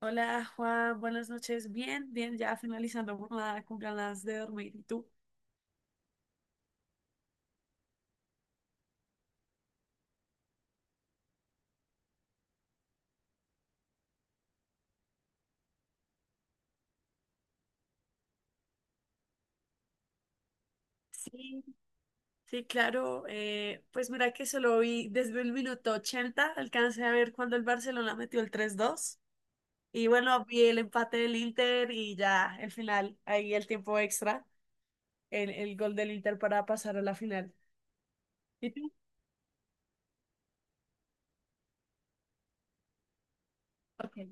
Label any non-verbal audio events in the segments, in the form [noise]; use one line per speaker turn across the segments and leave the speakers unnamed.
Hola Juan, buenas noches. Bien, bien, ya finalizando jornada con ganas de dormir. ¿Y tú? Sí, Sí, claro. Pues mira que solo vi desde el minuto ochenta, alcancé a ver cuando el Barcelona metió el tres dos. Y bueno, vi el empate del Inter y ya el final, ahí el tiempo extra, el gol del Inter para pasar a la final. ¿Y tú? Ok.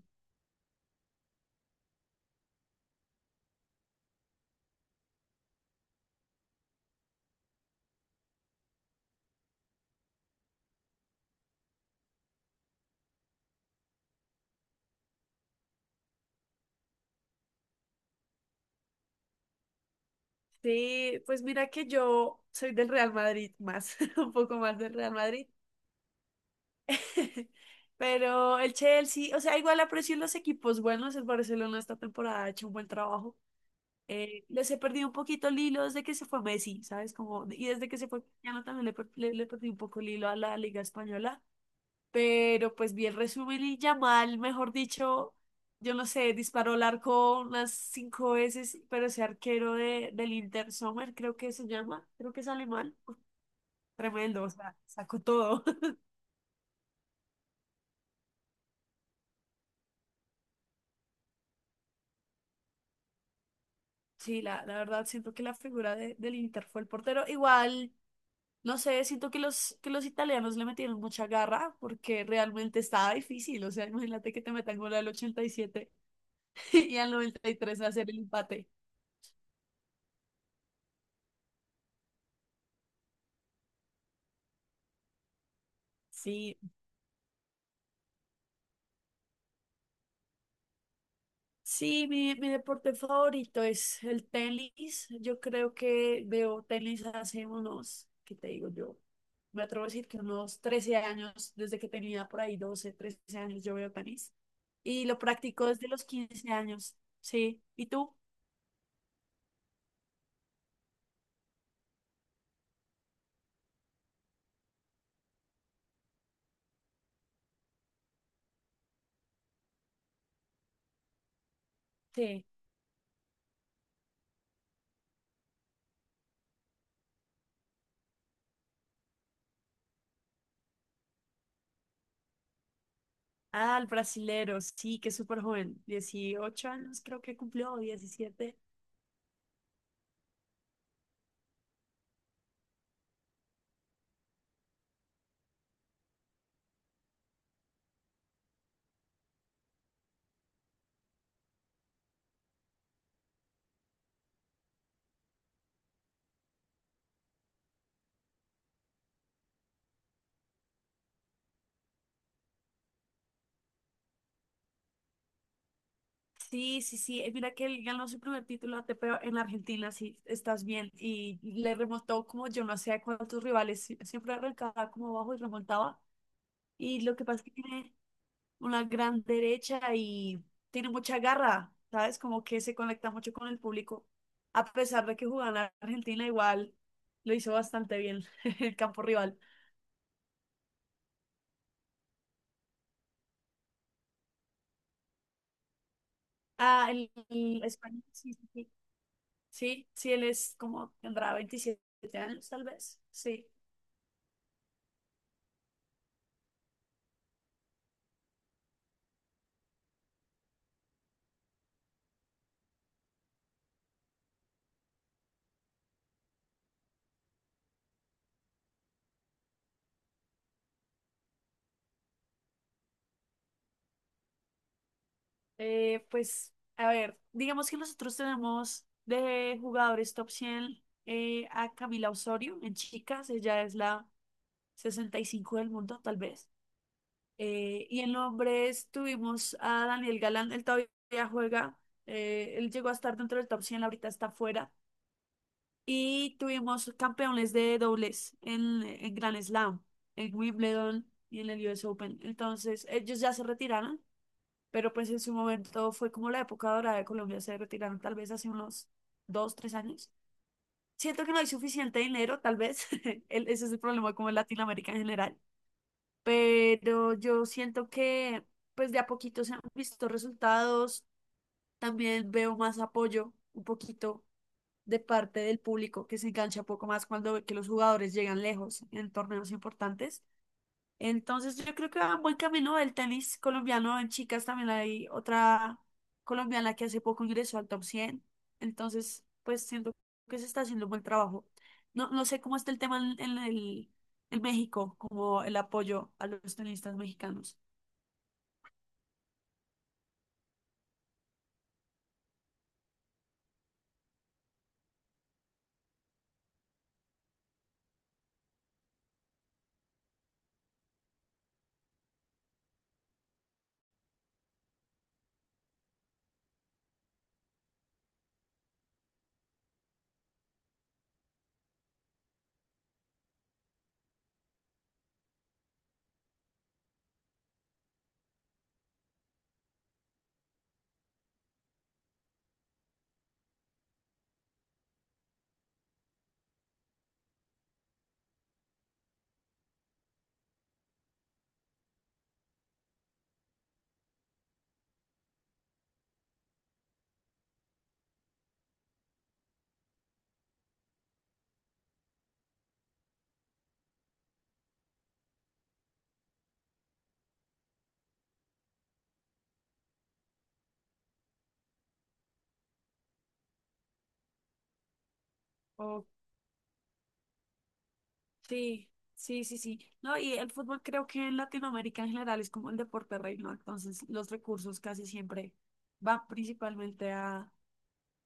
Sí, pues mira que yo soy del Real Madrid más, [laughs] un poco más del Real Madrid. [laughs] Pero el Chelsea, o sea, igual aprecio los equipos buenos. El Barcelona esta temporada ha hecho un buen trabajo. Les he perdido un poquito el hilo desde que se fue Messi, ¿sabes? Como, y desde que se fue Cristiano también le perdí un poco el hilo a la Liga Española. Pero pues vi el resumen y Yamal, mejor dicho, yo no sé, disparó al arco unas cinco veces, pero ese arquero de, del Inter Sommer, creo que se llama, creo que es alemán, tremendo, o sea, sacó todo. Sí, la verdad, siento que la figura de- del Inter fue el portero. Igual, no sé, siento que los italianos le metieron mucha garra porque realmente estaba difícil. O sea, imagínate que te metan gol al ochenta y siete [laughs] y al 93 hacer el empate. Sí, sí, mi deporte favorito es el tenis. Yo creo que veo tenis hace unos, ¿qué te digo yo? Me atrevo a decir que unos 13 años, desde que tenía por ahí 12 13 años, yo veo tenis. Y lo practico desde los 15 años. Sí. ¿Y tú? Sí. Ah, el brasilero, sí, que es súper joven. Dieciocho años creo que cumplió, o 17. Sí, sí, sí. Mira que él ganó su primer título ATP en Argentina, sí, estás bien. Y le remontó como yo no sé a cuántos rivales, sí, siempre arrancaba como abajo y remontaba. Y lo que pasa es que tiene una gran derecha y tiene mucha garra, ¿sabes? Como que se conecta mucho con el público. A pesar de que jugaba en la Argentina, igual lo hizo bastante bien [laughs] el campo rival. Ah, el español, sí, sí, sí. Sí, sí, él es como, tendrá 27 años, tal vez. Sí. Pues, a ver, digamos que nosotros tenemos de jugadores top cien, a Camila Osorio en chicas, ella es la 65 del mundo, tal vez. Y en hombres tuvimos a Daniel Galán, él todavía juega, él llegó a estar dentro del top cien, ahorita está fuera. Y tuvimos campeones de dobles en Grand Slam, en Wimbledon y en el US Open. Entonces, ellos ya se retiraron, pero pues en su momento fue como la época dorada de Colombia, se retiraron tal vez hace unos dos, tres años. Siento que no hay suficiente dinero, tal vez, [laughs] el- ese es el problema como en Latinoamérica en general, pero yo siento que pues de a poquito se han visto resultados, también veo más apoyo un poquito de parte del público que se engancha un poco más cuando ve que los jugadores llegan lejos en torneos importantes. Entonces yo creo que va buen camino el tenis colombiano. En chicas también hay otra colombiana que hace poco ingresó al top 100. Entonces, pues siento que se está haciendo un buen trabajo. No, no sé cómo está el tema en México, como el apoyo a los tenistas mexicanos. Oh, sí, sí, sí, sí. No, y el fútbol creo que en Latinoamérica en general es como el deporte reino, entonces los recursos casi siempre van principalmente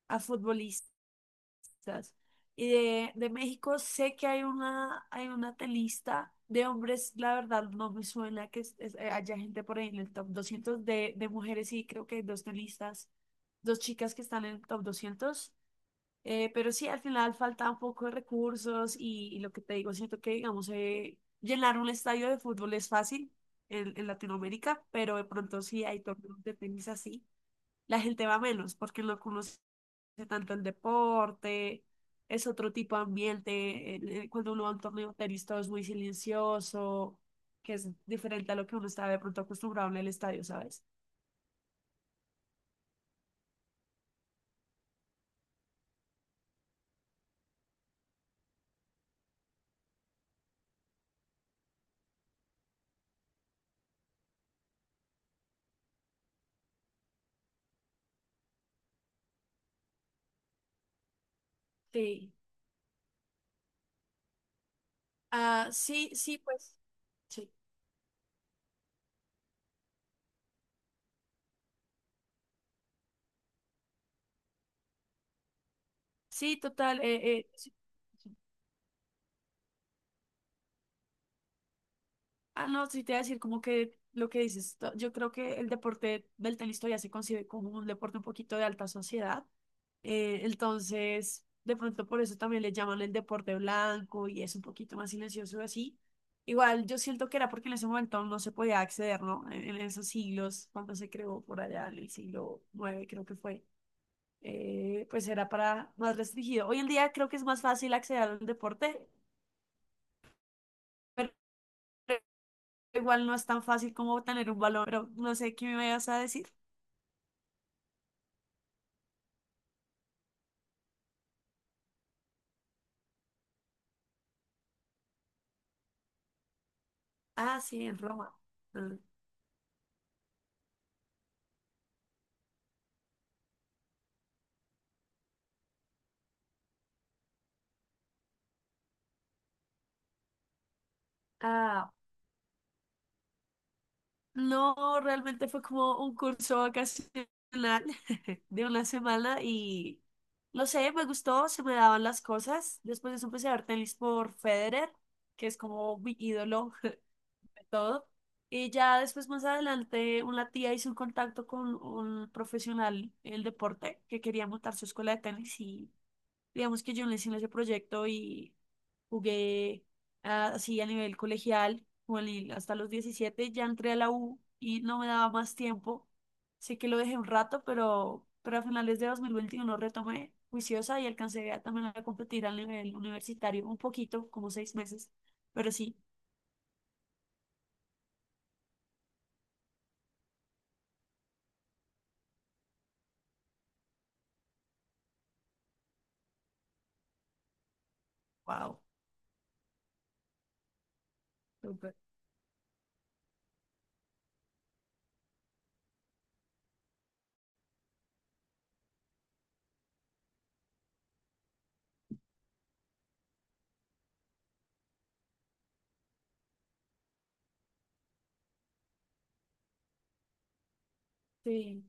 a futbolistas. Quizás. Y de México sé que hay una telista de hombres, la verdad no me suena que es- haya gente por ahí en el top 200 de mujeres, sí, creo que hay dos telistas, dos chicas que están en el top doscientos. Pero sí, al final falta un poco de recursos y lo que te digo, siento que, digamos, llenar un estadio de fútbol es fácil en Latinoamérica, pero de pronto sí hay torneos de tenis así, la gente va menos porque no conoce tanto el deporte, es otro tipo de ambiente. El- el- Cuando uno va a un torneo de tenis todo es muy silencioso, que es diferente a lo que uno está de pronto acostumbrado en el estadio, ¿sabes? Sí. Ah, sí, sí, pues. Sí, sí, total. Sí. Ah, no, sí te voy a decir como que lo que dices, to- yo creo que el deporte del tenis todavía se concibe como un deporte un poquito de alta sociedad. Entonces, de pronto por eso también le llaman el deporte blanco y es un poquito más silencioso así. Igual yo siento que era porque en ese momento no se podía acceder, ¿no? En esos siglos, cuando se creó por allá en el siglo nueve creo que fue, pues era para más restringido. Hoy en día creo que es más fácil acceder al deporte, igual no es tan fácil como tener un balón, pero no sé qué me vayas a decir. Ah, sí, en Roma. Mm. Ah, no, realmente fue como un curso vacacional [laughs] de una semana y no sé, me gustó, se me daban las cosas. Después de eso empecé a ver tenis por Federer, que es como mi ídolo [laughs] de todo. Y ya después, más adelante, una tía hizo un contacto con un profesional en el deporte que quería montar su escuela de tenis y digamos que yo no en ese proyecto y jugué, ah, así a nivel colegial, jugué hasta los diecisiete, ya entré a la U y no me daba más tiempo. Sé que lo dejé un rato, pero a finales de 2021 retomé juiciosa y alcancé a, también a competir a nivel universitario un poquito, como seis meses, pero sí, wow. Súper. Sí.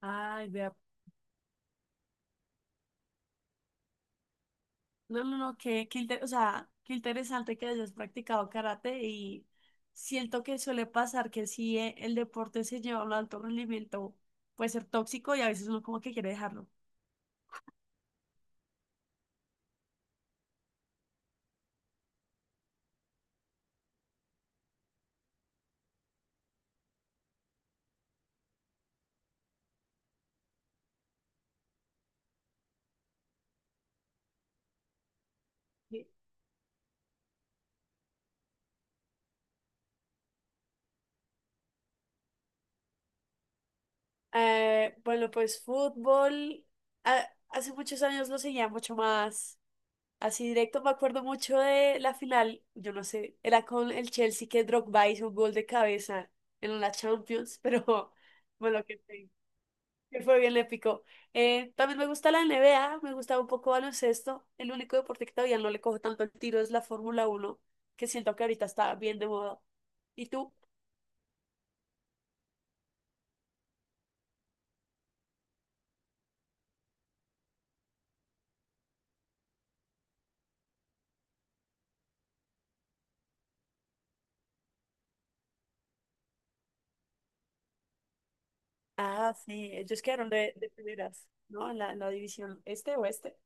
Ay, vea. No, no, no, Qué, qué inte- o sea, qué interesante que hayas practicado karate y siento que suele pasar que si el deporte se lleva a un alto rendimiento puede ser tóxico y a veces uno como que quiere dejarlo. Sí. Bueno, pues fútbol, a- hace muchos años lo seguía mucho más así directo. Me acuerdo mucho de la final, yo no sé, era con el Chelsea que Drogba hizo un gol de cabeza en la Champions, pero [laughs] bueno, que él fue bien le picó. También me gusta la NBA, me gusta un poco baloncesto. El único deporte que todavía no le cojo tanto el tiro es la Fórmula uno, que siento que ahorita está bien de moda. ¿Y tú? Ah, sí, ellos quedaron de primeras, ¿no? En la división este oeste.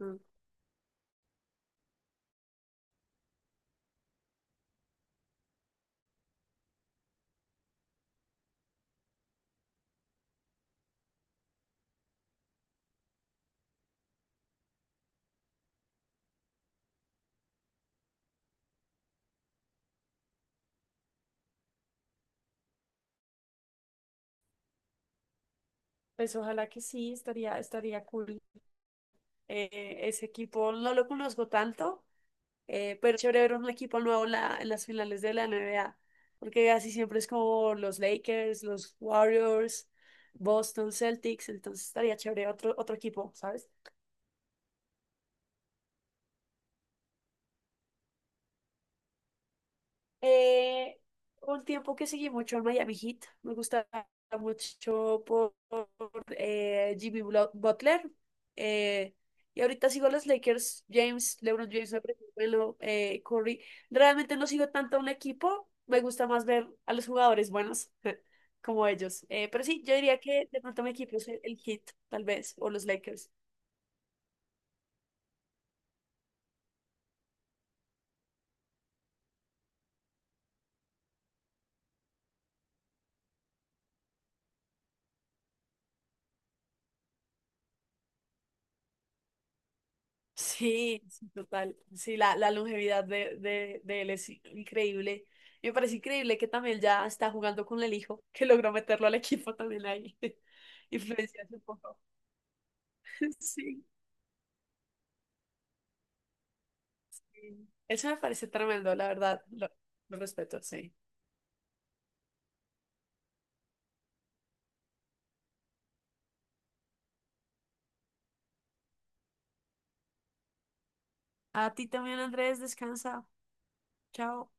Mm. Pues ojalá que sí, estaría, estaría cool. Ese equipo no lo conozco tanto. Pero es chévere ver un equipo nuevo en, la- en las finales de la NBA, porque así siempre es como los Lakers, los Warriors, Boston Celtics, entonces estaría chévere otro, otro equipo, ¿sabes? Eh, un tiempo que seguí mucho al Miami Heat, me gustaba mucho por, Jimmy Blo- Butler. eh, y ahorita sigo a los Lakers, James, LeBron James, me parece bueno, Curry. Realmente no sigo tanto a un equipo, me gusta más ver a los jugadores buenos [laughs] como ellos. Pero sí, yo diría que de pronto mi equipo es el Heat, tal vez, o los Lakers. Sí, sí, total. Sí, la longevidad de él es increíble. Y me parece increíble que también ya está jugando con el hijo, [laughs] que logró meterlo al equipo también ahí. [laughs] Influencias un poco. [laughs] Sí. Eso me parece tremendo, la verdad. Lo respeto, sí. A ti también, Andrés, descansa. Chao.